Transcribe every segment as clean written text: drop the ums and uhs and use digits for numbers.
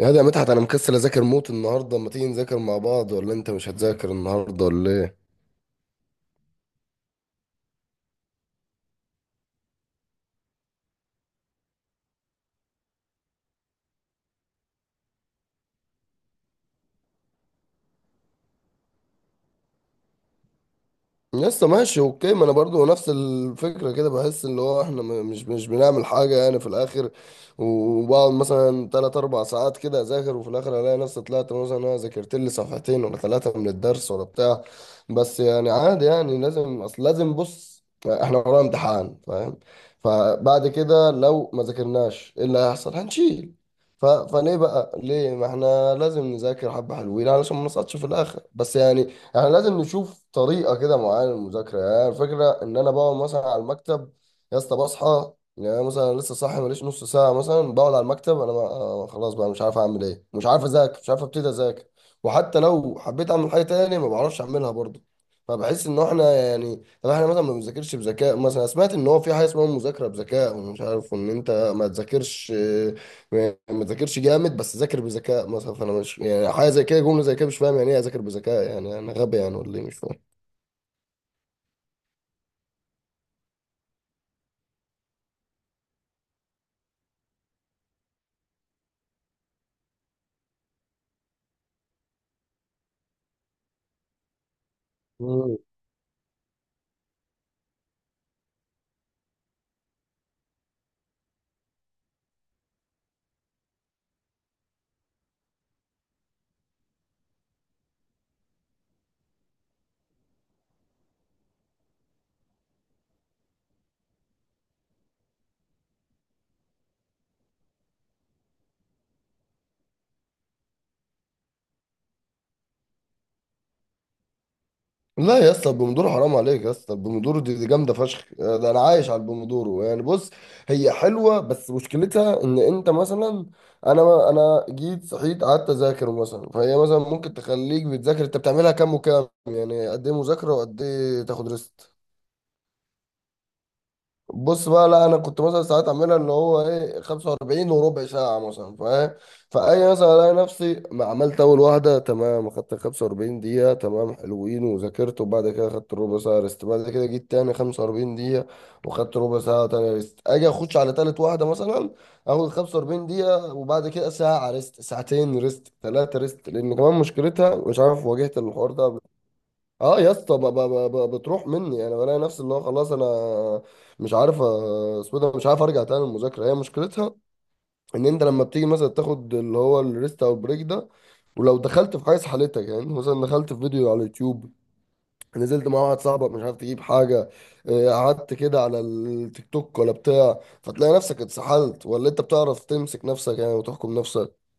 يا ده، يا مدحت، انا مكسل اذاكر موت النهارده، ما تيجي نذاكر مع بعض؟ ولا انت مش هتذاكر النهارده ولا ايه؟ لسه ماشي. اوكي، ما انا برضو نفس الفكره كده، بحس اللي هو احنا مش بنعمل حاجه يعني في الاخر. وبقعد مثلا 3 4 ساعات كده اذاكر، وفي الاخر الاقي نفسي طلعت مثلا انا ذاكرت لي صفحتين ولا ثلاثه من الدرس ولا بتاع. بس يعني عادي، يعني لازم، اصل لازم، بص احنا ورانا امتحان، فاهم؟ فبعد كده لو ما ذاكرناش ايه اللي هيحصل؟ هنشيل. ف... فليه بقى؟ ليه، ما احنا لازم نذاكر حبه حلوين علشان ما نسقطش في الاخر، بس يعني. احنا لازم نشوف طريقه كده معينه للمذاكره، يعني الفكره ان انا بقعد مثلا على المكتب. يا اسطى، بصحى يعني أنا مثلا لسه صاحي، ماليش نص ساعه مثلا بقعد على المكتب، انا ما خلاص بقى مش عارف اعمل ايه، مش عارف اذاكر، مش عارف ابتدي اذاكر. وحتى لو حبيت اعمل حاجه تاني ما بعرفش اعملها برضه. فبحس ان احنا يعني، طب احنا مثلا ما بنذاكرش بذكاء. مثلا سمعت ان هو في حاجه اسمها مذاكره بذكاء، ومش عارف ان انت ما تذاكرش. يعني ما ذاكرش جامد بس ذاكر بذكاء مثلا. فانا مش يعني، حاجه زي كده، جمله زي كده مش فاهم يعني ايه اذاكر بذكاء. يعني انا غبي يعني ولا ايه؟ مش فاهم. مم. لا يا اسطى، البومودورو حرام عليك يا اسطى، البومودورو دي جامده فشخ، ده انا عايش على البومودورو يعني. بص، هي حلوه بس مشكلتها ان انت مثلا. انا جيت صحيت قعدت اذاكر مثلا، فهي مثلا ممكن تخليك بتذاكر. انت بتعملها كام وكام يعني؟ قد ايه مذاكره وقد ايه تاخد ريست؟ بص بقى، لا انا كنت مثلا ساعات اعملها اللي هو ايه، 45 وربع ساعه مثلا، فاهم؟ فاي مثلا الاقي نفسي ما عملت اول واحده تمام، اخدت 45 دقيقه تمام، حلوين، وذاكرت، وبعد كده اخدت ربع ساعه ريست، بعد كده جيت تاني 45 دقيقه. واخدت ربع ساعه تاني ريست، اجي اخش على تالت واحده مثلا. اخد 45 دقيقه، وبعد كده ساعه ريست، ساعتين ريست، ثلاثه ريست، لان كمان مشكلتها، مش عارف واجهت الحوار ده. اه يا اسطى، بتروح مني، انا بلاقي نفسي اللي هو خلاص انا. مش عارف اسمه إيه ده؟ مش عارف ارجع تاني. المذاكره هي مشكلتها ان انت لما بتيجي مثلا تاخد اللي هو الريست او البريك ده، ولو دخلت في حاجه سحلتك، يعني مثلا دخلت في فيديو على اليوتيوب، نزلت مع واحد صاحبك مش عارف تجيب حاجه، قعدت كده على التيك توك ولا بتاع، فتلاقي نفسك اتسحلت، ولا انت بتعرف تمسك نفسك يعني وتحكم نفسك.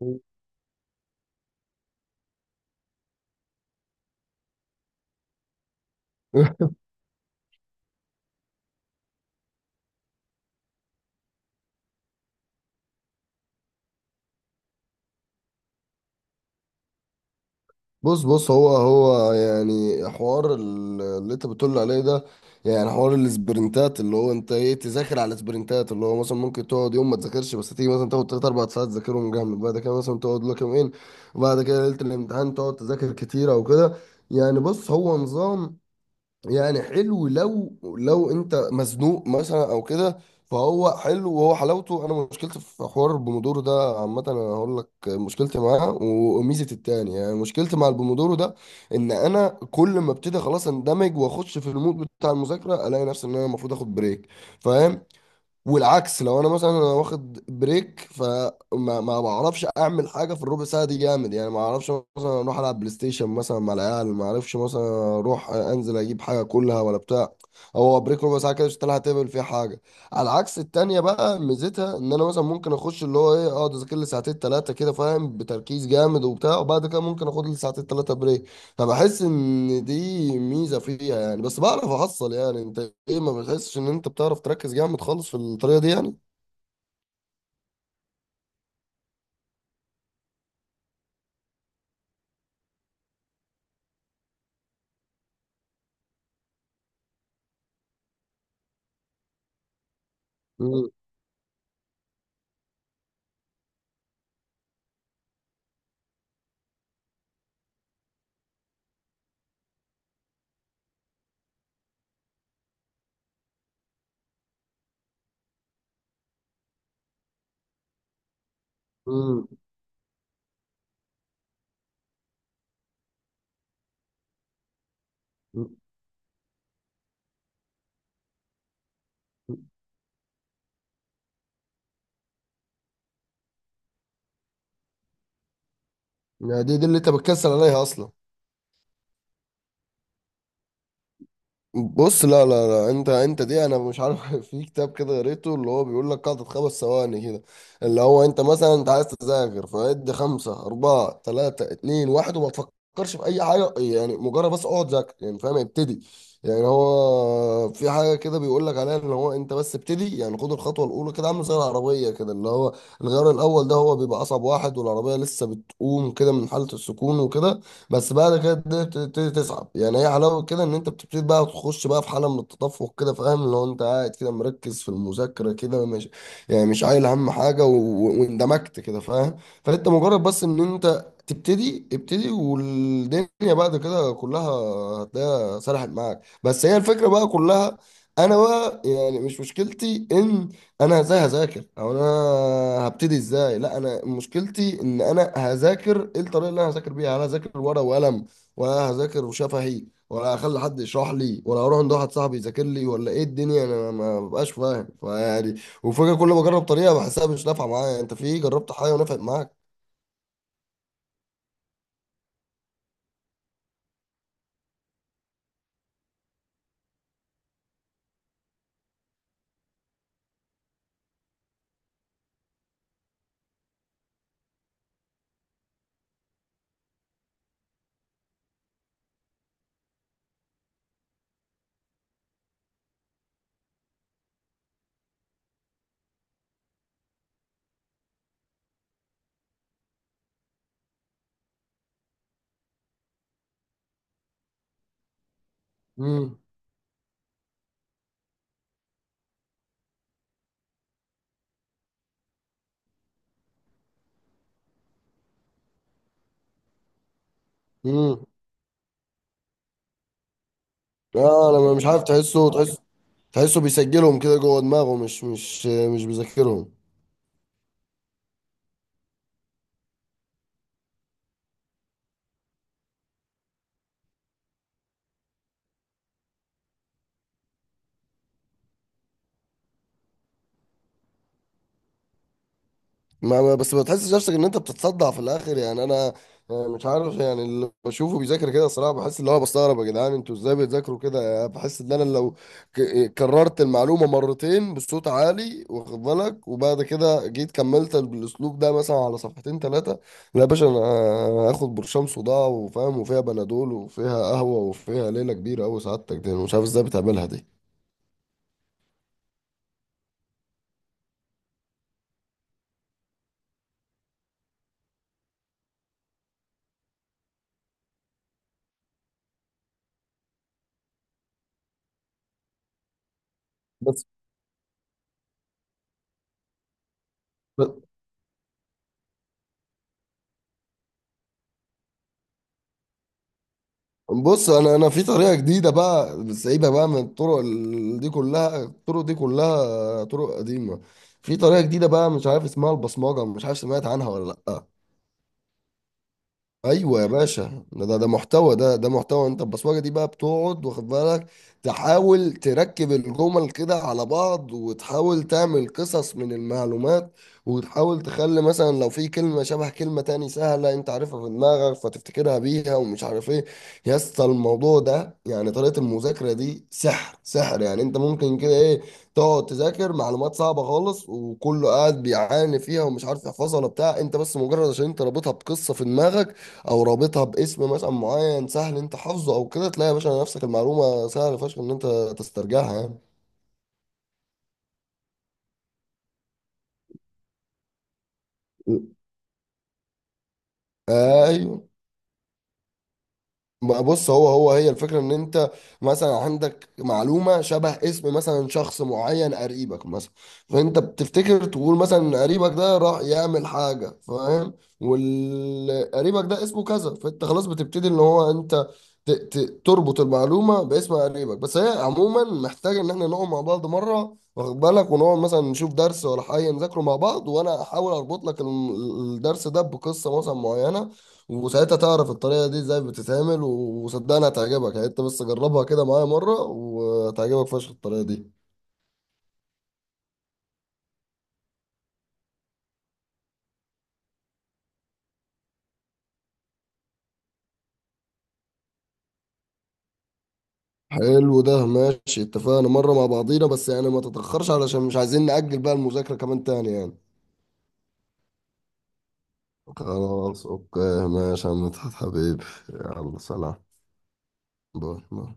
بص بص، هو يعني حوار اللي انت بتقول عليه ده، يعني حوار السبرنتات، اللي هو انت ايه تذاكر على السبرنتات، اللي هو مثلا ممكن تقعد يوم ما تذاكرش، بس تيجي مثلا تاخد تلات اربع ساعات تذاكرهم جامد، بعد كده مثلا تقعد لك يومين، وبعد كده ليلة الامتحان تقعد تذاكر كتير او كده. يعني بص، هو نظام، يعني حلو لو، لو انت مزنوق مثلا او كده. فهو حلو، وهو حلاوته. انا مشكلتي في حوار البومودورو ده عامه، انا هقول لك مشكلتي معاه وميزه التاني. يعني مشكلتي مع البومودورو ده ان انا كل ما ابتدي خلاص اندمج واخش في المود بتاع المذاكره، الاقي نفسي ان انا المفروض اخد بريك، فاهم؟ والعكس، لو انا مثلا انا واخد بريك فما ما بعرفش اعمل حاجه في الربع ساعه دي جامد، يعني ما اعرفش. مثلا اروح العب بلاي ستيشن مثلا مع العيال، ما اعرفش مثلا اروح انزل اجيب حاجه كلها ولا بتاع. هو بريك ربع ساعه كده، مش هتلحق تعمل فيها حاجه. على العكس التانيه بقى، ميزتها ان انا مثلا ممكن اخش اللي هو ايه، اقعد اذاكر لي ساعتين ثلاثه كده، فاهم، بتركيز جامد وبتاع، وبعد كده ممكن اخد لي ساعتين ثلاثه بريك. فبحس ان دي ميزه فيها يعني، بس بعرف احصل يعني. انت، ايه، ما بتحسش ان انت بتعرف تركز جامد خالص في الطريقه دي يعني؟ امم. امم يعني دي اللي انت بتكسل عليها اصلا؟ بص، لا لا لا، انت دي انا مش عارف. في كتاب كده قريته اللي هو بيقول لك قاعدة خمس ثواني كده، اللي هو انت مثلا انت عايز تذاكر فادي خمسة أربعة ثلاثة اتنين واحد، وما تفكرش في أي حاجة يعني، مجرد بس اقعد ذاكر يعني، فاهم، ابتدي. يعني هو في حاجة كده بيقول لك عليها اللي هو انت بس ابتدي، يعني خد الخطوة الأولى كده، عامل زي العربية كده اللي هو الغيار الأول ده هو بيبقى أصعب واحد، والعربية لسه بتقوم كده من حالة السكون وكده. بس بعد كده الدنيا بتبتدي تصعب، يعني هي حلاوه كده ان انت بتبتدي بقى تخش بقى في حاله من التدفق كده، فاهم؟ لو انت قاعد كده مركز في المذاكره كده، مش يعني مش عايل هم حاجه واندمجت كده، فاهم؟ فانت مجرد بس ان انت تبتدي ابتدي، والدنيا بعد كده كلها هتلاقيها سرحت معاك، بس هي الفكره بقى كلها. انا بقى يعني مش مشكلتي ان انا ازاي هذاكر، او انا هبتدي ازاي. لا، انا مشكلتي ان انا هذاكر ايه، الطريقه اللي انا هذاكر بيها، هل هذاكر ورقه وقلم ولا هذاكر شفهي، ولا هخلي حد يشرح لي، ولا هروح عند واحد صاحبي يذاكر لي، ولا ايه الدنيا؟ انا ما ببقاش فاهم فيعني. وفجاه كل ما اجرب طريقه بحسها مش نافعه معايا. انت، في جربت حاجه ونفعت معاك؟ امم. امم. اه، لما مش عارف تحسه، تحسه بيسجلهم كده جوه دماغه، مش بيذاكرهم. بس ما تحسش نفسك ان انت بتتصدع في الاخر يعني؟ انا مش عارف يعني. اللي بشوفه بيذاكر كده الصراحه، بحس اللي هو بستغرب، يا جدعان انتوا ازاي بتذاكروا كده يعني؟ بحس ان انا لو كررت المعلومه مرتين بصوت عالي، واخد بالك، وبعد كده جيت كملت بالاسلوب ده مثلا على صفحتين ثلاثه، لا يا باشا، انا هاخد برشام صداع وفاهم وفيها بنادول وفيها قهوه وفيها ليله كبيره قوي. سعادتك دي أنا مش عارف ازاي بتعملها دي. بس بص، انا في طريقه جديده بقى، سايبه بقى من الطرق دي كلها، الطرق دي كلها طرق قديمه. في طريقه جديده بقى مش عارف اسمها البصمجه، مش عارف سمعت عنها ولا لا. ايوه يا باشا، ده محتوى، ده محتوى. انت البصمجه دي بقى بتقعد، واخد بالك، تحاول تركب الجمل كده على بعض، وتحاول تعمل قصص من المعلومات، وتحاول تخلي مثلا لو في كلمه شبه كلمه تاني سهله انت عارفها في دماغك فتفتكرها بيها، ومش عارف ايه. يا اسطى، الموضوع ده يعني طريقه المذاكره دي سحر سحر، يعني انت ممكن كده ايه، تقعد تذاكر معلومات صعبه خالص وكله قاعد بيعاني فيها ومش عارف يحفظها ولا بتاع، انت بس مجرد عشان انت رابطها بقصه في دماغك، او رابطها باسم مثلا معين سهل انت حفظه او كده، تلاقي يا باشا نفسك المعلومه سهل فشخ ان انت تسترجعها يعني. ايوه، ما بص، هو هي الفكرة ان انت مثلا عندك معلومة شبه اسم مثلا شخص معين قريبك مثلا، فانت بتفتكر تقول مثلا إن قريبك ده راح يعمل حاجة، فاهم؟ والقريبك ده اسمه كذا، فانت خلاص بتبتدي ان هو انت تربط المعلومة باسم قريبك. بس هي عموما محتاجة ان احنا نقعد مع بعض مرة، واخد بالك، ونقعد مثلا نشوف درس ولا حاجة نذاكره مع بعض، وانا احاول اربط لك الدرس ده بقصة مثلا معينة، وساعتها تعرف الطريقة دي ازاي بتتعمل وصدقني هتعجبك، يعني انت بس جربها كده معايا مرة، وهتعجبك فشخ الطريقة دي. حلو، ده ماشي، اتفقنا مرة مع بعضينا، بس يعني ما تتأخرش علشان مش عايزين نأجل بقى المذاكرة كمان تاني يعني. خلاص، اوكي، ماشي يا مدحت حبيبي، يلا سلام، باي باي.